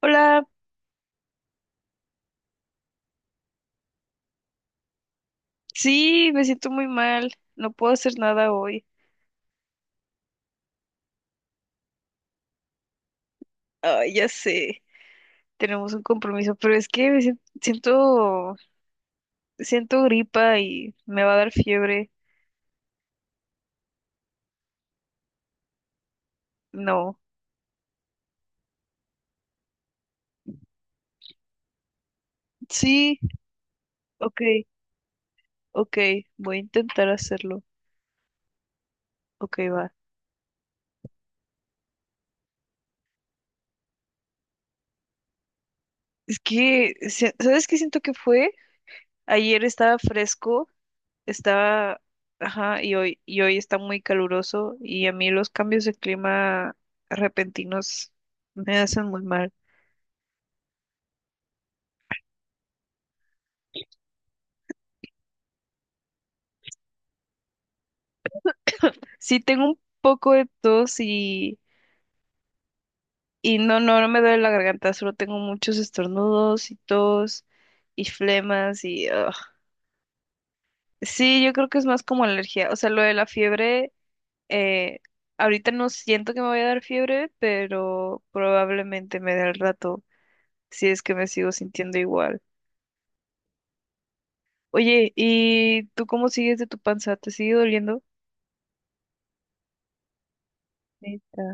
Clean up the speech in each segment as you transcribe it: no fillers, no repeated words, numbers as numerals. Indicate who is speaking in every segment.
Speaker 1: Hola, sí, me siento muy mal, no puedo hacer nada hoy. Ay, ya sé, tenemos un compromiso, pero es que siento, siento gripa y me va a dar fiebre. No, sí, ok, ok, voy a intentar hacerlo. Ok, va. Es que, ¿sabes qué siento que fue? Ayer estaba fresco, estaba, ajá, y hoy está muy caluroso y a mí los cambios de clima repentinos me hacen muy mal. Sí, tengo un poco de tos y, no me duele la garganta, solo tengo muchos estornudos y tos y flemas y... ugh. Sí, yo creo que es más como alergia. O sea, lo de la fiebre, eh, ahorita no siento que me vaya a dar fiebre, pero probablemente me dé al rato, si es que me sigo sintiendo igual. Oye, ¿y tú cómo sigues de tu panza? ¿Te sigue doliendo? Neta.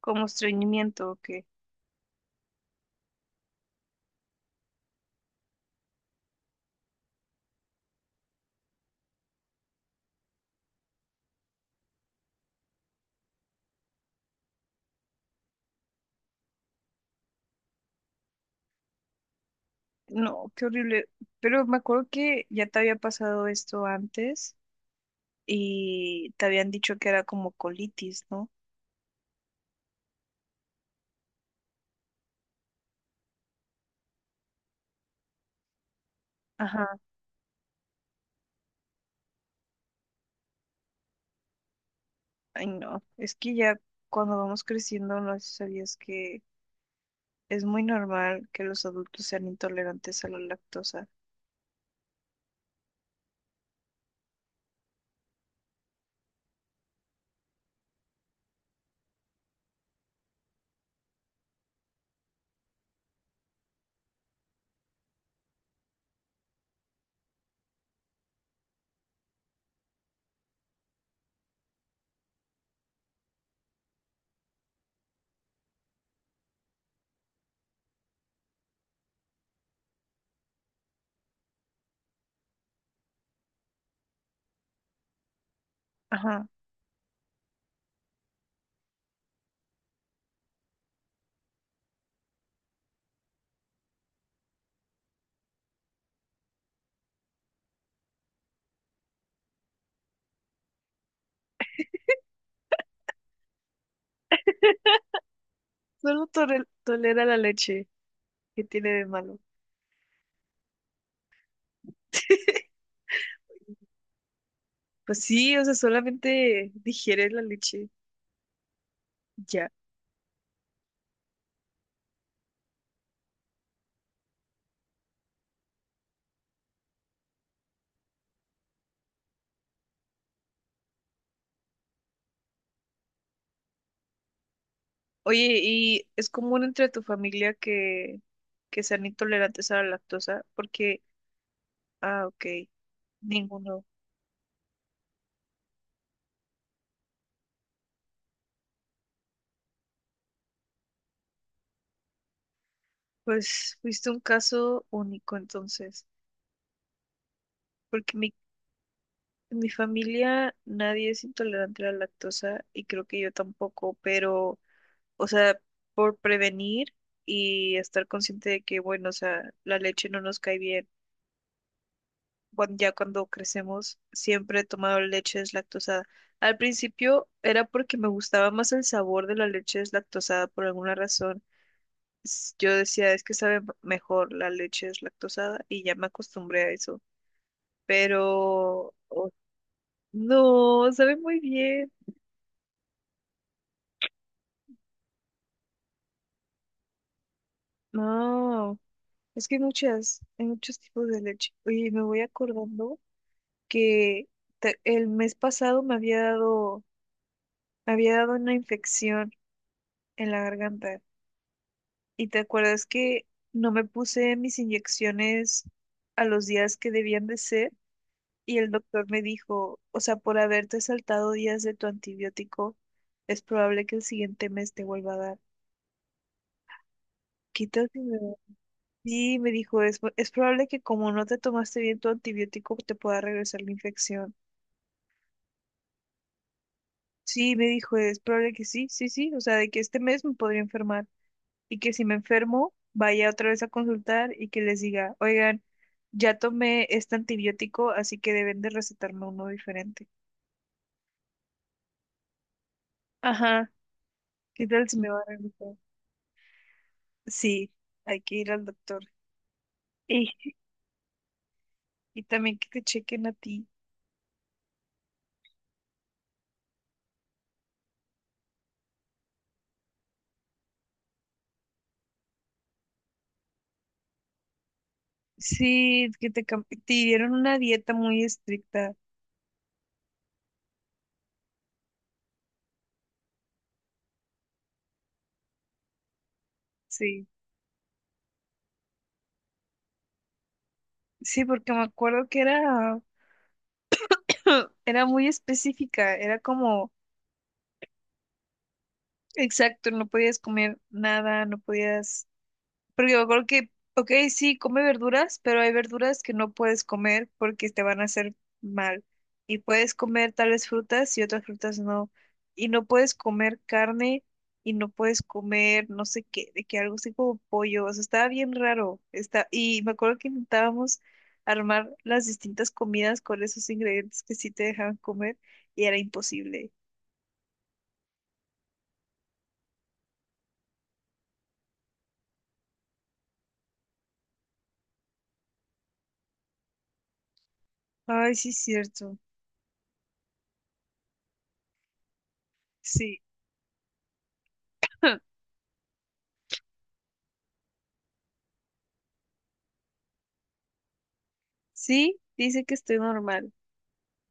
Speaker 1: ¿Como estreñimiento o qué? No, qué horrible. Pero me acuerdo que ya te había pasado esto antes y te habían dicho que era como colitis, ¿no? Ajá. Ay, no. Es que ya cuando vamos creciendo, no sé si sabías que es muy normal que los adultos sean intolerantes a la lactosa. Ajá. Solo tolera la leche. ¿Qué tiene de malo? Pues sí, o sea, solamente digiere la leche. Ya. Oye, ¿y es común entre tu familia que sean intolerantes a la lactosa? Porque, ah, ok, ninguno. Pues fuiste un caso único entonces, porque en mi familia nadie es intolerante a la lactosa y creo que yo tampoco, pero, o sea, por prevenir y estar consciente de que, bueno, o sea, la leche no nos cae bien bueno, ya cuando crecemos, siempre he tomado leche deslactosada. Al principio era porque me gustaba más el sabor de la leche deslactosada por alguna razón. Yo decía, es que sabe mejor la leche deslactosada y ya me acostumbré a eso. Pero no, sabe muy bien. No, es que hay hay muchos tipos de leche. Oye, me voy acordando que el mes pasado me había dado una infección en la garganta. ¿Y te acuerdas que no me puse mis inyecciones a los días que debían de ser? Y el doctor me dijo, o sea, por haberte saltado días de tu antibiótico, es probable que el siguiente mes te vuelva a dar. Quítate. Sí, me dijo, es probable que como no te tomaste bien tu antibiótico, te pueda regresar la infección. Sí, me dijo, es probable que sí, o sea, de que este mes me podría enfermar. Y que si me enfermo, vaya otra vez a consultar y que les diga, oigan, ya tomé este antibiótico, así que deben de recetarme uno diferente. Ajá, ¿qué tal si me va a recetar? Sí, hay que ir al doctor. Y, y también que te chequen a ti. Sí, que te, te dieron una dieta muy estricta. Sí, sí, porque me acuerdo que era, era muy específica, era como, exacto, no podías comer nada, no podías. Porque me acuerdo que, ok, sí, come verduras, pero hay verduras que no puedes comer porque te van a hacer mal. Y puedes comer tales frutas y otras frutas no. Y no puedes comer carne y no puedes comer no sé qué, de que algo así como pollo. O sea, estaba bien raro. Está... Y me acuerdo que intentábamos armar las distintas comidas con esos ingredientes que sí te dejaban comer y era imposible. Ay, sí, es cierto. Sí. Sí, dice que estoy normal.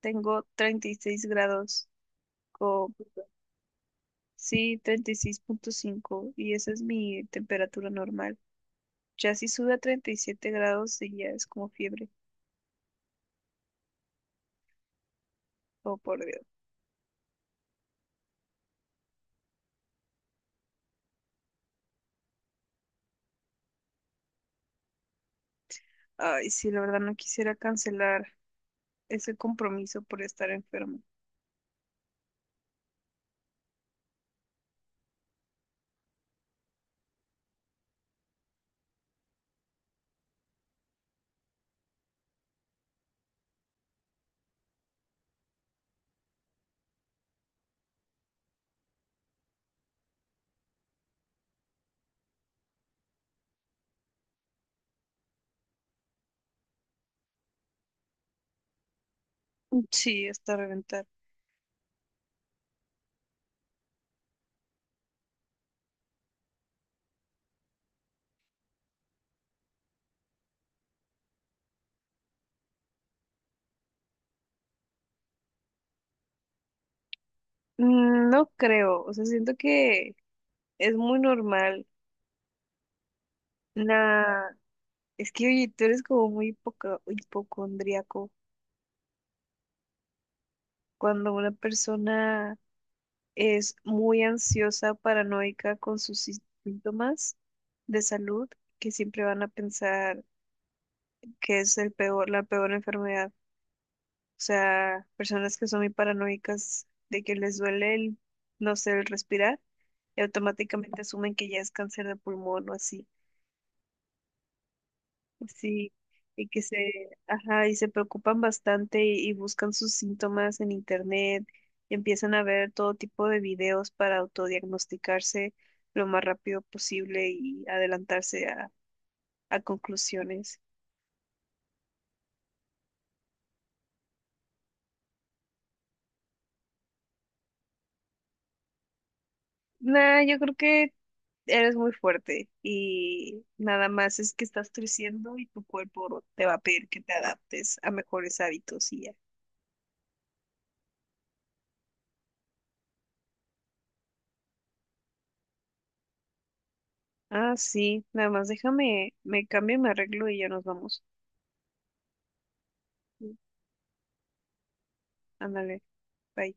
Speaker 1: Tengo 36 grados o sí, 36,5 y esa es mi temperatura normal. Ya si sube a 37 grados y ya es como fiebre. Oh, por Dios. Ay, sí, la verdad no quisiera cancelar ese compromiso por estar enfermo. Sí, hasta reventar. Mm, no creo, o sea, siento que es muy normal. Nah, es que oye, tú eres como muy hipocondríaco. Cuando una persona es muy ansiosa, paranoica con sus síntomas de salud, que siempre van a pensar que es la peor enfermedad. O sea, personas que son muy paranoicas de que les duele no sé, el respirar, y automáticamente asumen que ya es cáncer de pulmón o así. Sí, y que se, ajá, y se preocupan bastante y buscan sus síntomas en internet, y empiezan a ver todo tipo de videos para autodiagnosticarse lo más rápido posible y adelantarse a conclusiones. Nah, yo creo que eres muy fuerte y nada más es que estás creciendo y tu cuerpo te va a pedir que te adaptes a mejores hábitos y ya. Ah, sí, nada más déjame, me cambio, me arreglo y ya nos vamos. Sí. Ándale. Bye.